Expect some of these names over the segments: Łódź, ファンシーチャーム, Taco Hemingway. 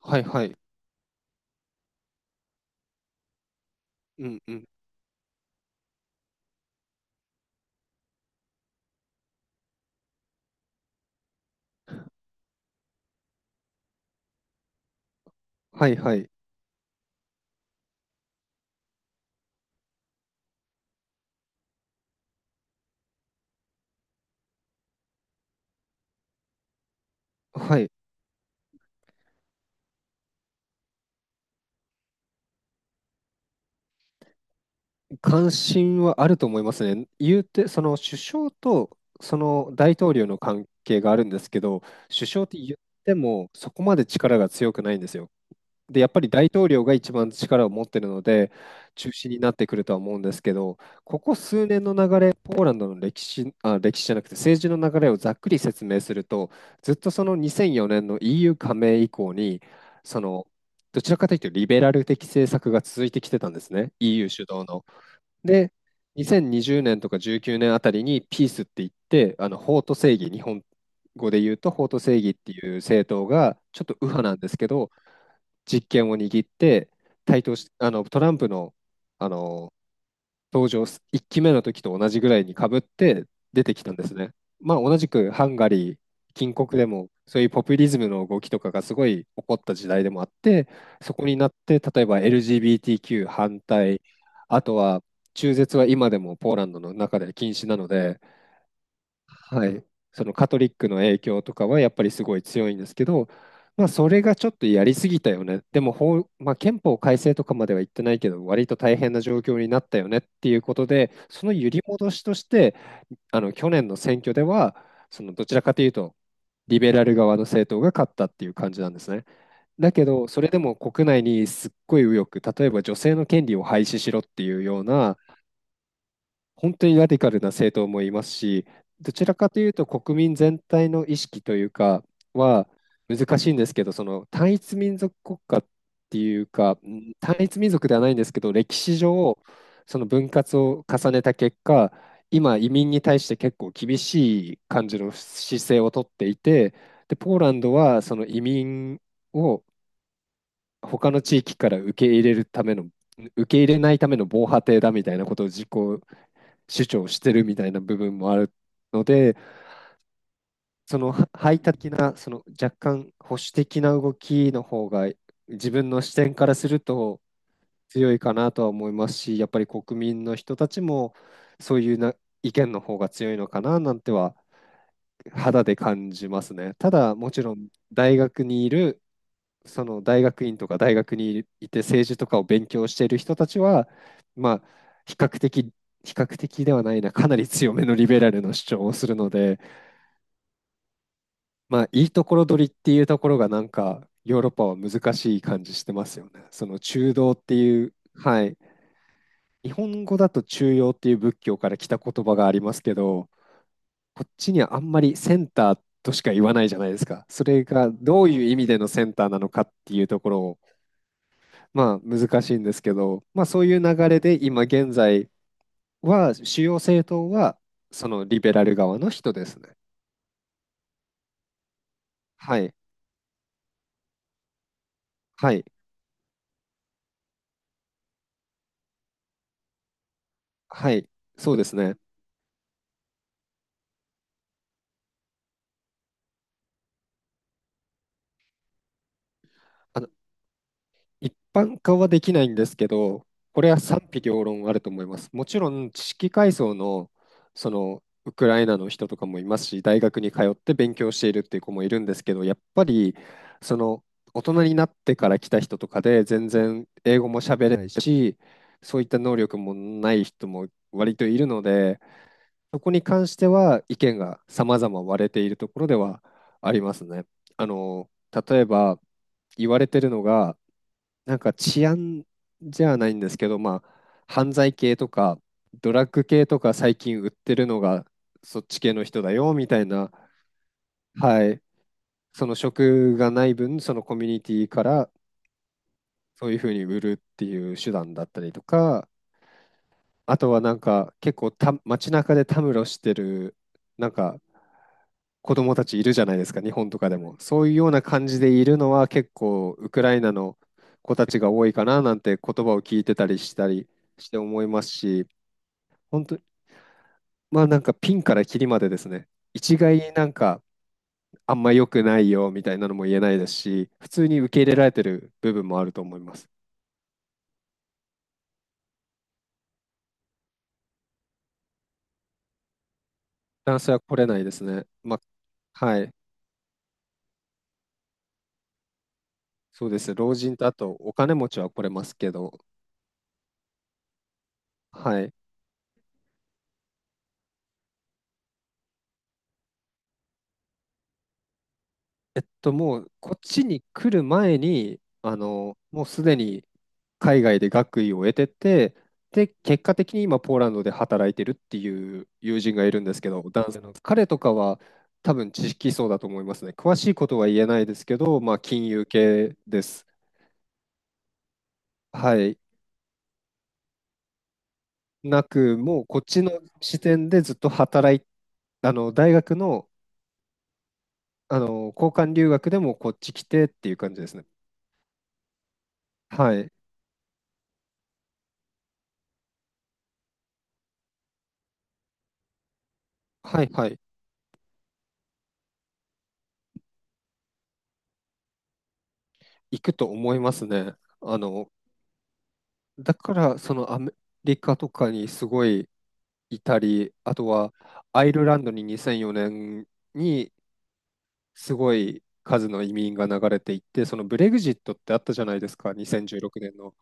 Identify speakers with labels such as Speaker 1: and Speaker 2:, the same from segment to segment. Speaker 1: はいはい。うんうん。はいはい。はい。関心はあると思いますね。言うて、その首相とその大統領の関係があるんですけど、首相って言ってもそこまで力が強くないんですよ。で、やっぱり大統領が一番力を持ってるので、中心になってくるとは思うんですけど、ここ数年の流れ、ポーランドの歴史、あ、歴史じゃなくて政治の流れをざっくり説明すると、ずっとその2004年の EU 加盟以降に、その、どちらかというとリベラル的政策が続いてきてたんですね、EU 主導の。で、2020年とか19年あたりにピースって言って、あの法と正義、日本語で言うと法と正義っていう政党が、ちょっと右派なんですけど、実権を握って台頭し、あのトランプの、あの登場す、1期目の時と同じぐらいにかぶって出てきたんですね。まあ、同じくハンガリー、近国でもそういうポピュリズムの動きとかがすごい起こった時代でもあって、そこになって例えば LGBTQ 反対、あとは中絶は今でもポーランドの中で禁止なので、はい、そのカトリックの影響とかはやっぱりすごい強いんですけど、まあ、それがちょっとやりすぎたよね、でも法、まあ、憲法改正とかまでは言ってないけど、割と大変な状況になったよねっていうことで、その揺り戻しとして、あの去年の選挙では、そのどちらかというと、リベラル側の政党が勝ったっていう感じなんですね。だけど、それでも国内にすっごい右翼、例えば女性の権利を廃止しろっていうような本当にラディカルな政党もいますし、どちらかというと国民全体の意識というかは難しいんですけど、その単一民族国家っていうか、うん単一民族ではないんですけど、歴史上、その分割を重ねた結果、今、移民に対して結構厳しい感じの姿勢をとっていて、で、ポーランドはその移民を他の地域から受け入れるための、受け入れないための防波堤だみたいなことを自己主張してるみたいな部分もあるので、そのは排他的な、その若干保守的な動きの方が自分の視点からすると強いかなとは思いますし、やっぱり国民の人たちもそういうな意見の方が強いのかななんては肌で感じますね。ただ、もちろん大学にいるその大学院とか大学にいて政治とかを勉強している人たちは、まあ、比較的、比較的ではないな、かなり強めのリベラルの主張をするので、まあ、いいところ取りっていうところが、なんか、ヨーロッパは難しい感じしてますよね。その中道っていう、はい。日本語だと中庸っていう仏教から来た言葉がありますけど、こっちにはあんまりセンターとしか言わないじゃないですか。それがどういう意味でのセンターなのかっていうところをまあ難しいんですけど、まあそういう流れで今現在は主要政党はそのリベラル側の人ですね。はい。はい。はい。そうですね。あ、一般化はできないんですけど、これは賛否両論あると思います。もちろん知識階層の、そのウクライナの人とかもいますし、大学に通って勉強しているっていう子もいるんですけど、やっぱりその大人になってから来た人とかで全然英語も喋れないし、そういった能力もない人も割といるので、そこに関しては意見が様々割れているところではありますね。あの、例えば言われてるのが、なんか治安じゃないんですけど、まあ、犯罪系とか、ドラッグ系とか最近売ってるのがそっち系の人だよみたいな、はい、その職がない分、そのコミュニティからそういうふうに売るっていう手段だったりとか、あとはなんか結構た街中でたむろしてるなんか子供たちいるじゃないですか、日本とかでも。そういうような感じでいるのは結構ウクライナの子たちが多いかななんて言葉を聞いてたりしたりして思いますし、本当、まあなんかピンからキリまでですね、一概になんかあんま良くないよみたいなのも言えないですし、普通に受け入れられてる部分もあると思います。男性は来れないですね。まあ、はい。そうです。老人とあとお金持ちは来れますけど、はい。えっと、もうこっちに来る前に、あの、もうすでに海外で学位を得てて、で、結果的に今ポーランドで働いてるっていう友人がいるんですけど、男性の彼とかは多分知識層だと思いますね。詳しいことは言えないですけど、まあ金融系です。はい。なく、もうこっちの視点でずっと働い、あの、大学のあの、交換留学でもこっち来てっていう感じですね。はい。はいはい。行くと思いますね。あの、だから、そのアメリカとかにすごいいたり、あとはアイルランドに2004年にすごい数の移民が流れていって、そのブレグジットってあったじゃないですか、2016年の。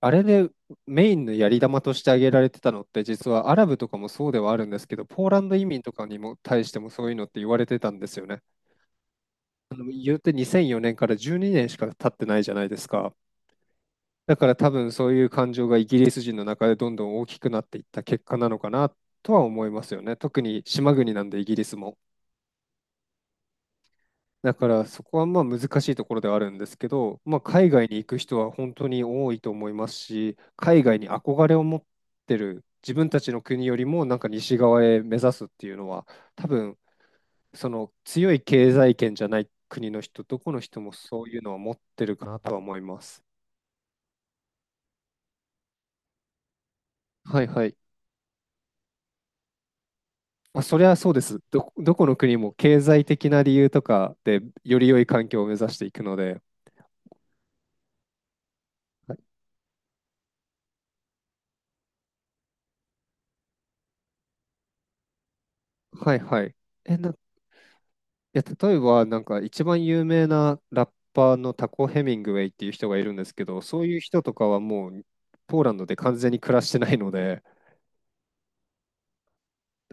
Speaker 1: あれでメインのやり玉として挙げられてたのって、実はアラブとかもそうではあるんですけど、ポーランド移民とかにも対してもそういうのって言われてたんですよね。言うて2004年から12年しか経ってないじゃないですか。だから多分そういう感情がイギリス人の中でどんどん大きくなっていった結果なのかなとは思いますよね。特に島国なんでイギリスも。だからそこはまあ難しいところではあるんですけど、まあ、海外に行く人は本当に多いと思いますし、海外に憧れを持ってる自分たちの国よりもなんか西側へ目指すっていうのは多分その強い経済圏じゃない国の人、どこの人もそういうのは持ってるかなとは思います。はいはい。まあ、そりゃそうです。ど、どこの国も経済的な理由とかでより良い環境を目指していくので。はいはいはい。いや、例えばなんか一番有名なラッパーのタコ・ヘミングウェイっていう人がいるんですけど、そういう人とかはもうポーランドで完全に暮らしてないので、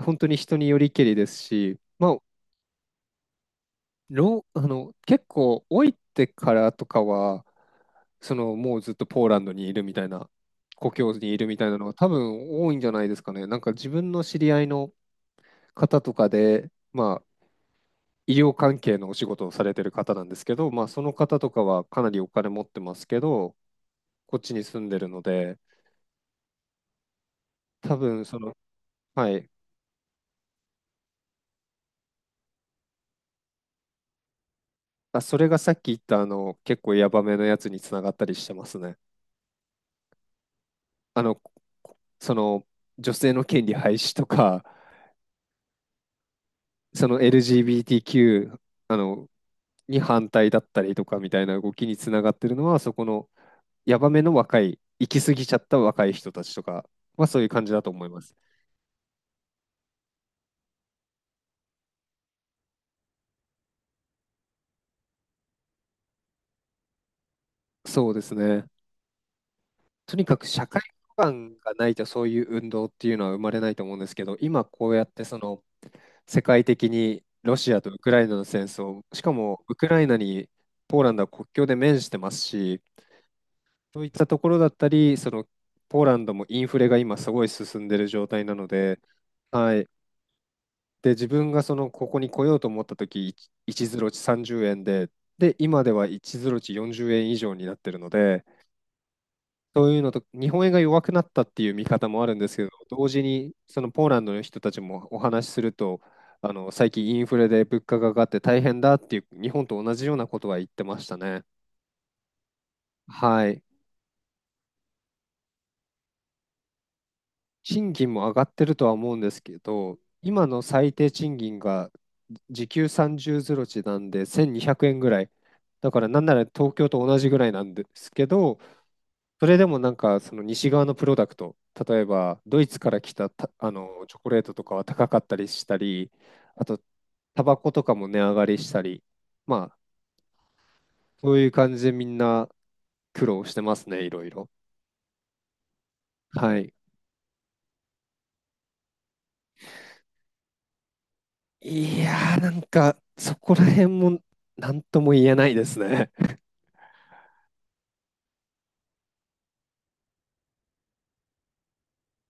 Speaker 1: 本当に人によりけりですし、まあロー、あの、結構老いてからとかは、そのもうずっとポーランドにいるみたいな、故郷にいるみたいなのが多分多いんじゃないですかね。なんか自分の知り合いの方とかで、まあ、医療関係のお仕事をされてる方なんですけど、まあ、その方とかはかなりお金持ってますけど、こっちに住んでるので、多分その、はい、あ、それがさっき言ったあの結構ヤバめのやつにつながったりしてますね。あの、こその女性の権利廃止とか、その LGBTQ あのに反対だったりとかみたいな動きにつながってるのは、そこのヤバめの若い、行き過ぎちゃった若い人たちとかはそういう感じだと思います。そうですね。とにかく社会基盤がないとそういう運動っていうのは生まれないと思うんですけど、今こうやってその世界的にロシアとウクライナの戦争、しかもウクライナにポーランドは国境で面してますし、そういったところだったり、そのポーランドもインフレが今すごい進んでる状態なので、はい。で、自分がその、ここに来ようと思った時、1ゼロ値30円で、で、今では1ゼロ値40円以上になってるので、そういうのと、日本円が弱くなったっていう見方もあるんですけど、同時に、そのポーランドの人たちもお話しすると、最近インフレで物価が上がって大変だっていう、日本と同じようなことは言ってましたね。はい。賃金も上がってるとは思うんですけど、今の最低賃金が時給30ゼロ値なんで1200円ぐらい。だからなんなら東京と同じぐらいなんですけど、それでもなんかその西側のプロダクト、例えばドイツから来たチョコレートとかは高かったりしたり、あとタバコとかも値上がりしたり、まあそういう感じでみんな苦労してますね、いろいろ。はい。いやー、なんか、そこら辺も、何とも言えないですね。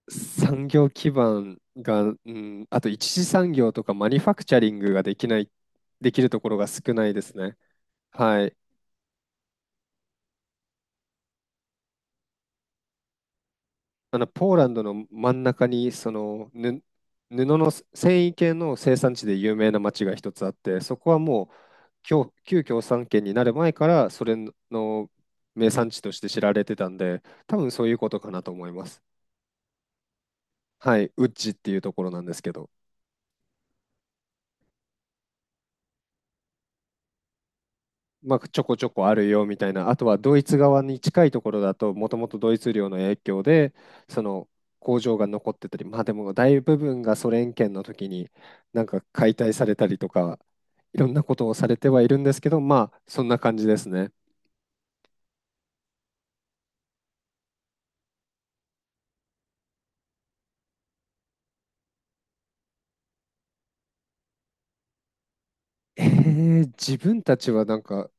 Speaker 1: 産業基盤が、うん、あと一次産業とかマニュファクチャリングができない、できるところが少ないですね。はい。ポーランドの真ん中に、布の繊維系の生産地で有名な町が一つあって、そこはもう、旧共産圏になる前から、それの名産地として知られてたんで、多分そういうことかなと思います。はい、ウッジっていうところなんですけど、まあ、ちょこちょこあるよみたいな、あとはドイツ側に近いところだと、もともとドイツ領の影響で、その工場が残ってたり、まあでも大部分がソ連圏の時になんか解体されたりとか、いろんなことをされてはいるんですけど、まあそんな感じですね。自分たちはなんか、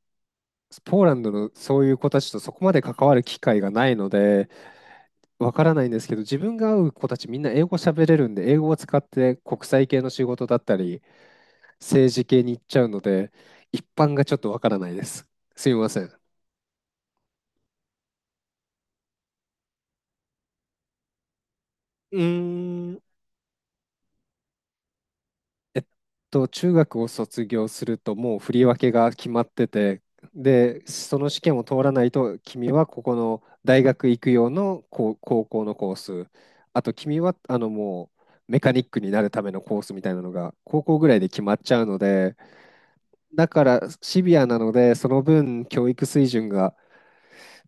Speaker 1: ポーランドのそういう子たちとそこまで関わる機会がないので、わからないんですけど、自分が会う子たちみんな英語喋れるんで、英語を使って国際系の仕事だったり、政治系に行っちゃうので、一般がちょっとわからないです。すみません。うーん、えっ中学を卒業するともう振り分けが決まってて、で、その試験を通らないと、君はここの大学行く用のこう高校のコース、あと君はもうメカニックになるためのコースみたいなのが高校ぐらいで決まっちゃうので、だからシビアなので、その分教育水準が、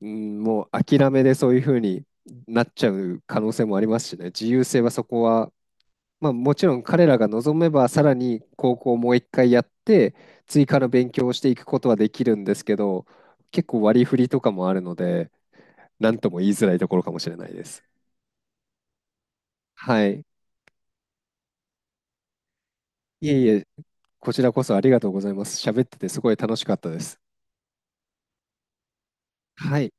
Speaker 1: うん、もう諦めでそういうふうになっちゃう可能性もありますしね、自由性はそこは、まあ、もちろん彼らが望めばさらに高校をもう一回やって、追加の勉強をしていくことはできるんですけど、結構割り振りとかもあるので、何とも言いづらいところかもしれないです。はい。いえいえ、こちらこそありがとうございます。喋っててすごい楽しかったです。はい。